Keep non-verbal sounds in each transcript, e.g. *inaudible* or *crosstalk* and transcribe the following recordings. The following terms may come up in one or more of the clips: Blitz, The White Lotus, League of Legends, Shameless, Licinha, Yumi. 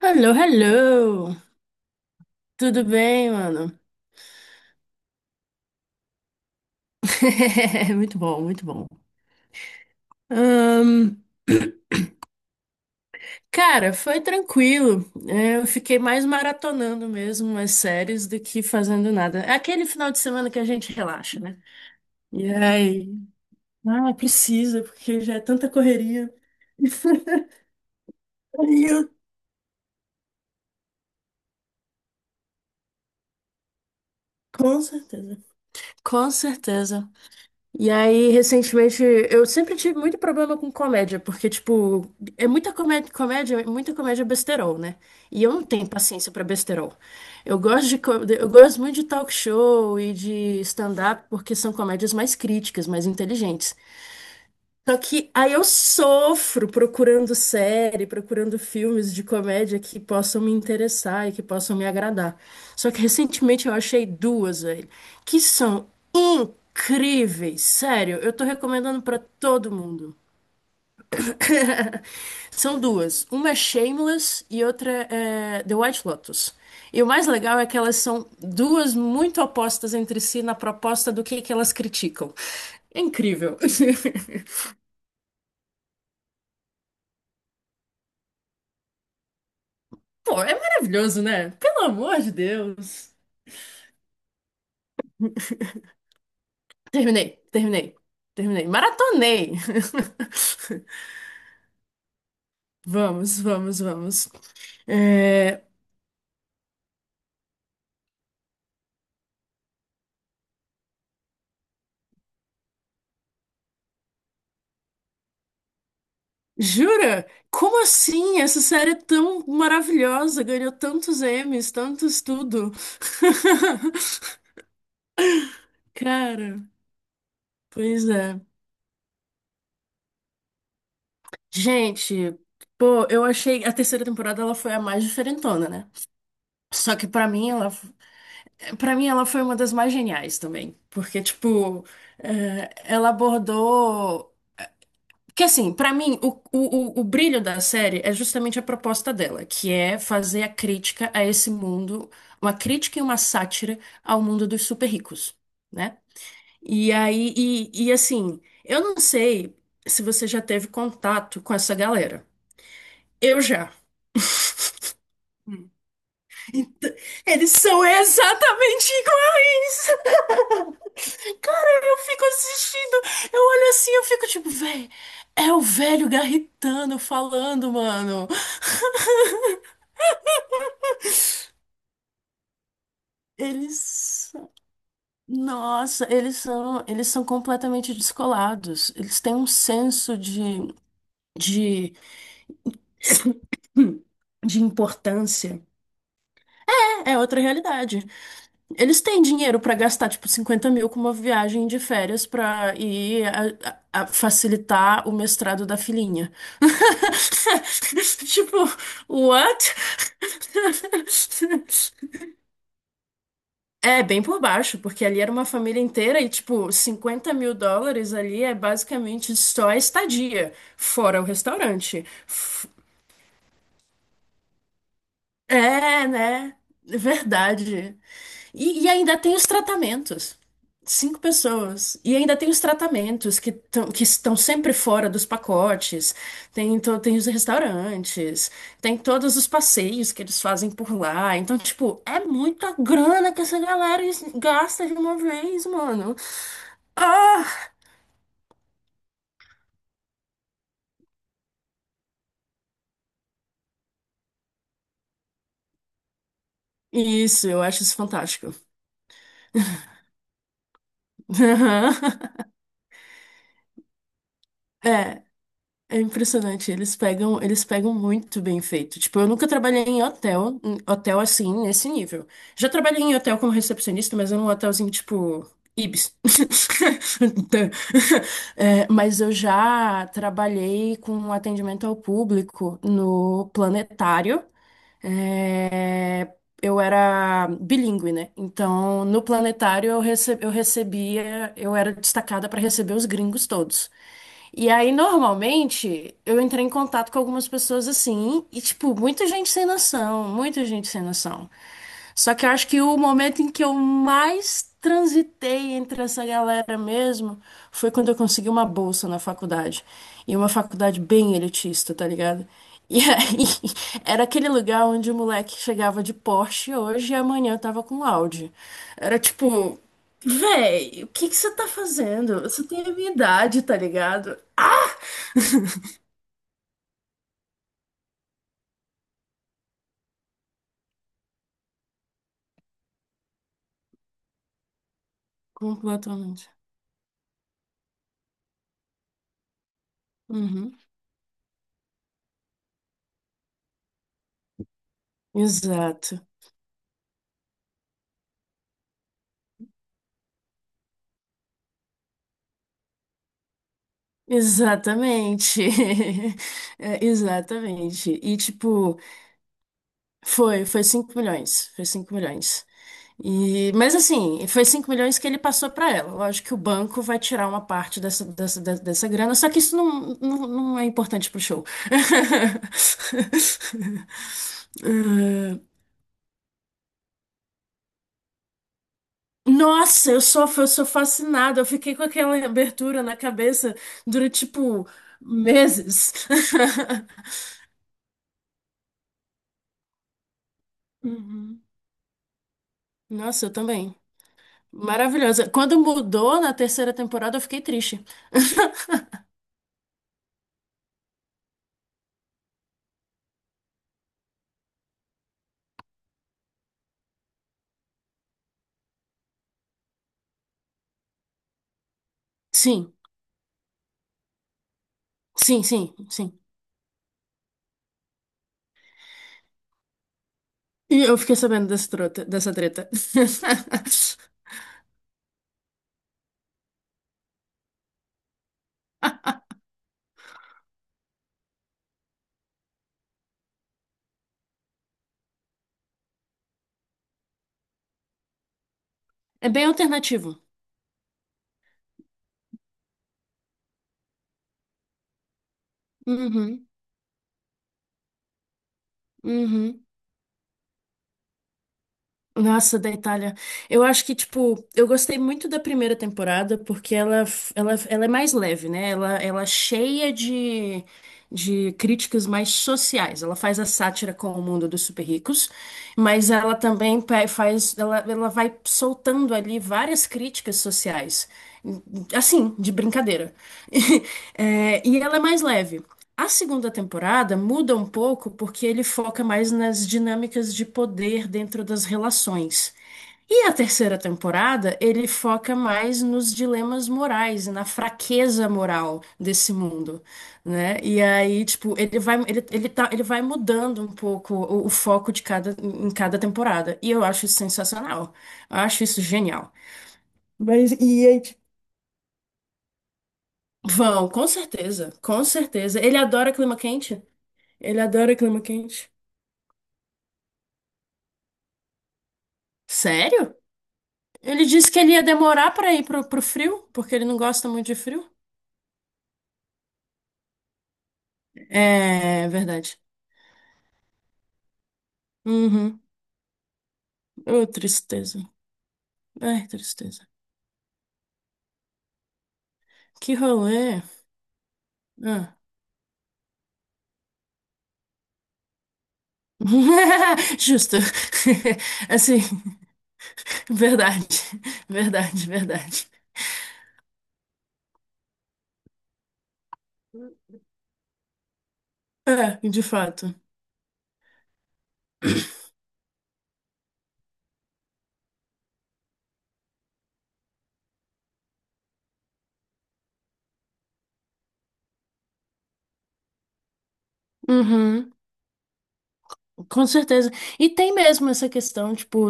Hello, hello! Tudo bem, mano? *laughs* Muito bom, muito bom. Ahn, cara, foi tranquilo. É, eu fiquei mais maratonando mesmo as séries do que fazendo nada. É aquele final de semana que a gente relaxa, né? E aí, ah, precisa, porque já é tanta correria. *laughs* E eu- Com certeza. Com certeza. E aí, recentemente, eu sempre tive muito problema com comédia, porque, tipo, é muita comédia, comédia, muita comédia besterol, né? E eu não tenho paciência pra besterol. Eu gosto muito de talk show e de stand-up, porque são comédias mais críticas, mais inteligentes. Só que aí eu sofro procurando série, procurando filmes de comédia que possam me interessar e que possam me agradar. Só que recentemente eu achei duas, velho, que são incríveis, sério. Eu tô recomendando pra todo mundo. *laughs* São duas. Uma é Shameless e outra é The White Lotus. E o mais legal é que elas são duas muito opostas entre si na proposta do que elas criticam. É incrível. *laughs* Pô, é maravilhoso, né? Pelo amor de Deus. Terminei, terminei, terminei. Maratonei. *laughs* Vamos, vamos, vamos. É, jura? Como assim? Essa série é tão maravilhosa, ganhou tantos Emmys, tantos tudo. *laughs* Cara, pois é. Gente, pô, eu achei a terceira temporada ela foi a mais diferentona, né? Só que pra mim ela Pra mim, ela foi uma das mais geniais também, porque, tipo, ela abordou. Que assim, pra mim, o brilho da série é justamente a proposta dela, que é fazer a crítica a esse mundo, uma crítica e uma sátira ao mundo dos super ricos, né? E aí, e assim, eu não sei se você já teve contato com essa galera. Eu já. Hum. Então, eles são exatamente iguais. Cara, eu fico assistindo, eu olho assim, eu fico tipo, véi, é o velho garritano falando, mano. *laughs* Eles, são- nossa, eles são completamente descolados. Eles têm um senso de, *coughs* *clears throat* de importância. É outra realidade. Eles têm dinheiro pra gastar, tipo, 50 mil com uma viagem de férias pra ir a facilitar o mestrado da filhinha. *laughs* Tipo, what? É, bem por baixo, porque ali era uma família inteira e, tipo, US$ 50 mil ali é basicamente só a estadia, fora o restaurante. É, né? É verdade. E ainda tem os tratamentos. Cinco pessoas. E ainda tem os tratamentos que estão sempre fora dos pacotes. Tem os restaurantes, tem todos os passeios que eles fazem por lá. Então, tipo, é muita grana que essa galera gasta de uma vez, mano. Ah! Isso, eu acho isso fantástico. *laughs* Aham. É. É impressionante, eles pegam muito bem feito. Tipo, eu nunca trabalhei em hotel assim, nesse nível. Já trabalhei em hotel como recepcionista, mas era um hotelzinho tipo Ibis. *laughs* É, mas eu já trabalhei com um atendimento ao público no Planetário. É, eu era bilíngue, né? Então, no Planetário eu recebia, eu era destacada para receber os gringos todos. E aí, normalmente, eu entrei em contato com algumas pessoas assim, e, tipo, muita gente sem noção, muita gente sem noção. Só que eu acho que o momento em que eu mais transitei entre essa galera mesmo foi quando eu consegui uma bolsa na faculdade. E uma faculdade bem elitista, tá ligado? E aí, *laughs* era aquele lugar onde o moleque chegava de Porsche hoje e amanhã eu tava com Audi. Era tipo, véi, o que que você tá fazendo? Você tem a minha idade, tá ligado? Completamente. Uhum. Exato. Exatamente. *laughs* É, exatamente. E tipo, foi 5 milhões. Foi 5 milhões. E, mas assim, foi 5 milhões que ele passou para ela. Lógico que o banco vai tirar uma parte dessa grana, só que isso não é importante pro show. *laughs* Ah, nossa, eu sou fascinada. Eu fiquei com aquela abertura na cabeça durante, tipo, meses. *laughs* Uhum. Nossa, eu também. Maravilhosa. Quando mudou na terceira temporada, eu fiquei triste. Sim, sim, sim, sim. E eu fiquei sabendo dessa trota, dessa treta. *laughs* É bem alternativo. Uhum, uhum. Nossa, da Itália. Eu acho que, tipo, eu gostei muito da primeira temporada porque ela é mais leve, né? Ela é cheia de críticas mais sociais. Ela faz a sátira com o mundo dos super ricos, mas ela também faz, ela vai soltando ali várias críticas sociais, assim, de brincadeira. *laughs* É, e ela é mais leve. A segunda temporada muda um pouco porque ele foca mais nas dinâmicas de poder dentro das relações. E a terceira temporada, ele foca mais nos dilemas morais e na fraqueza moral desse mundo, né? E aí, tipo, ele vai, ele tá, ele vai mudando um pouco o foco em cada temporada. E eu acho isso sensacional. Eu acho isso genial. Mas e aí, tipo, vão, com certeza, com certeza. Ele adora clima quente. Ele adora clima quente. Sério? Ele disse que ele ia demorar pra ir pro frio, porque ele não gosta muito de frio. É verdade. Uhum. Ô, tristeza. Ai, tristeza. Que rolê. Ah. *laughs* Justo. *laughs* Assim, verdade. Verdade, verdade. É, de fato. Uhum. Com certeza. E tem mesmo essa questão, tipo,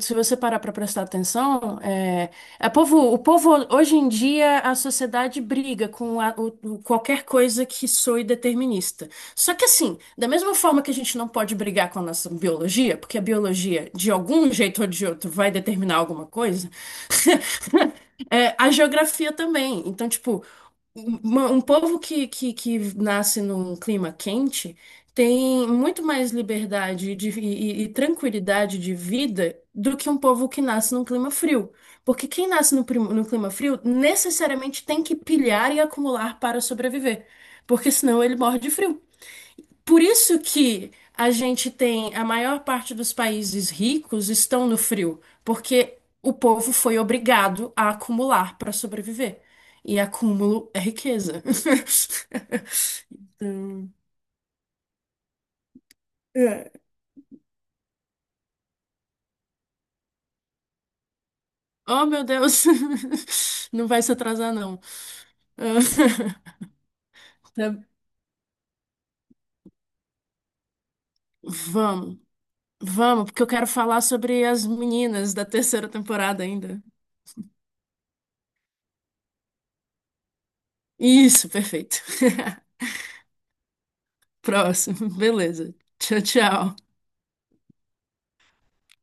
se você parar para prestar atenção, o povo, hoje em dia, a sociedade briga com qualquer coisa que soe determinista. Só que assim, da mesma forma que a gente não pode brigar com a nossa biologia, porque a biologia, de algum jeito ou de outro, vai determinar alguma coisa, é, a geografia também. Então, tipo, um povo que nasce num clima quente tem muito mais liberdade e tranquilidade de vida do que um povo que nasce num clima frio. Porque quem nasce no clima frio necessariamente tem que pilhar e acumular para sobreviver. Porque senão ele morre de frio. Por isso que a gente tem a maior parte dos países ricos estão no frio, porque o povo foi obrigado a acumular para sobreviver. E acúmulo é riqueza. *laughs* Então, é. Oh, meu Deus! *laughs* Não vai se atrasar, não. *laughs* Tá- Vamos, vamos, porque eu quero falar sobre as meninas da terceira temporada ainda. Isso, perfeito. *laughs* Próximo, beleza. Tchau, tchau.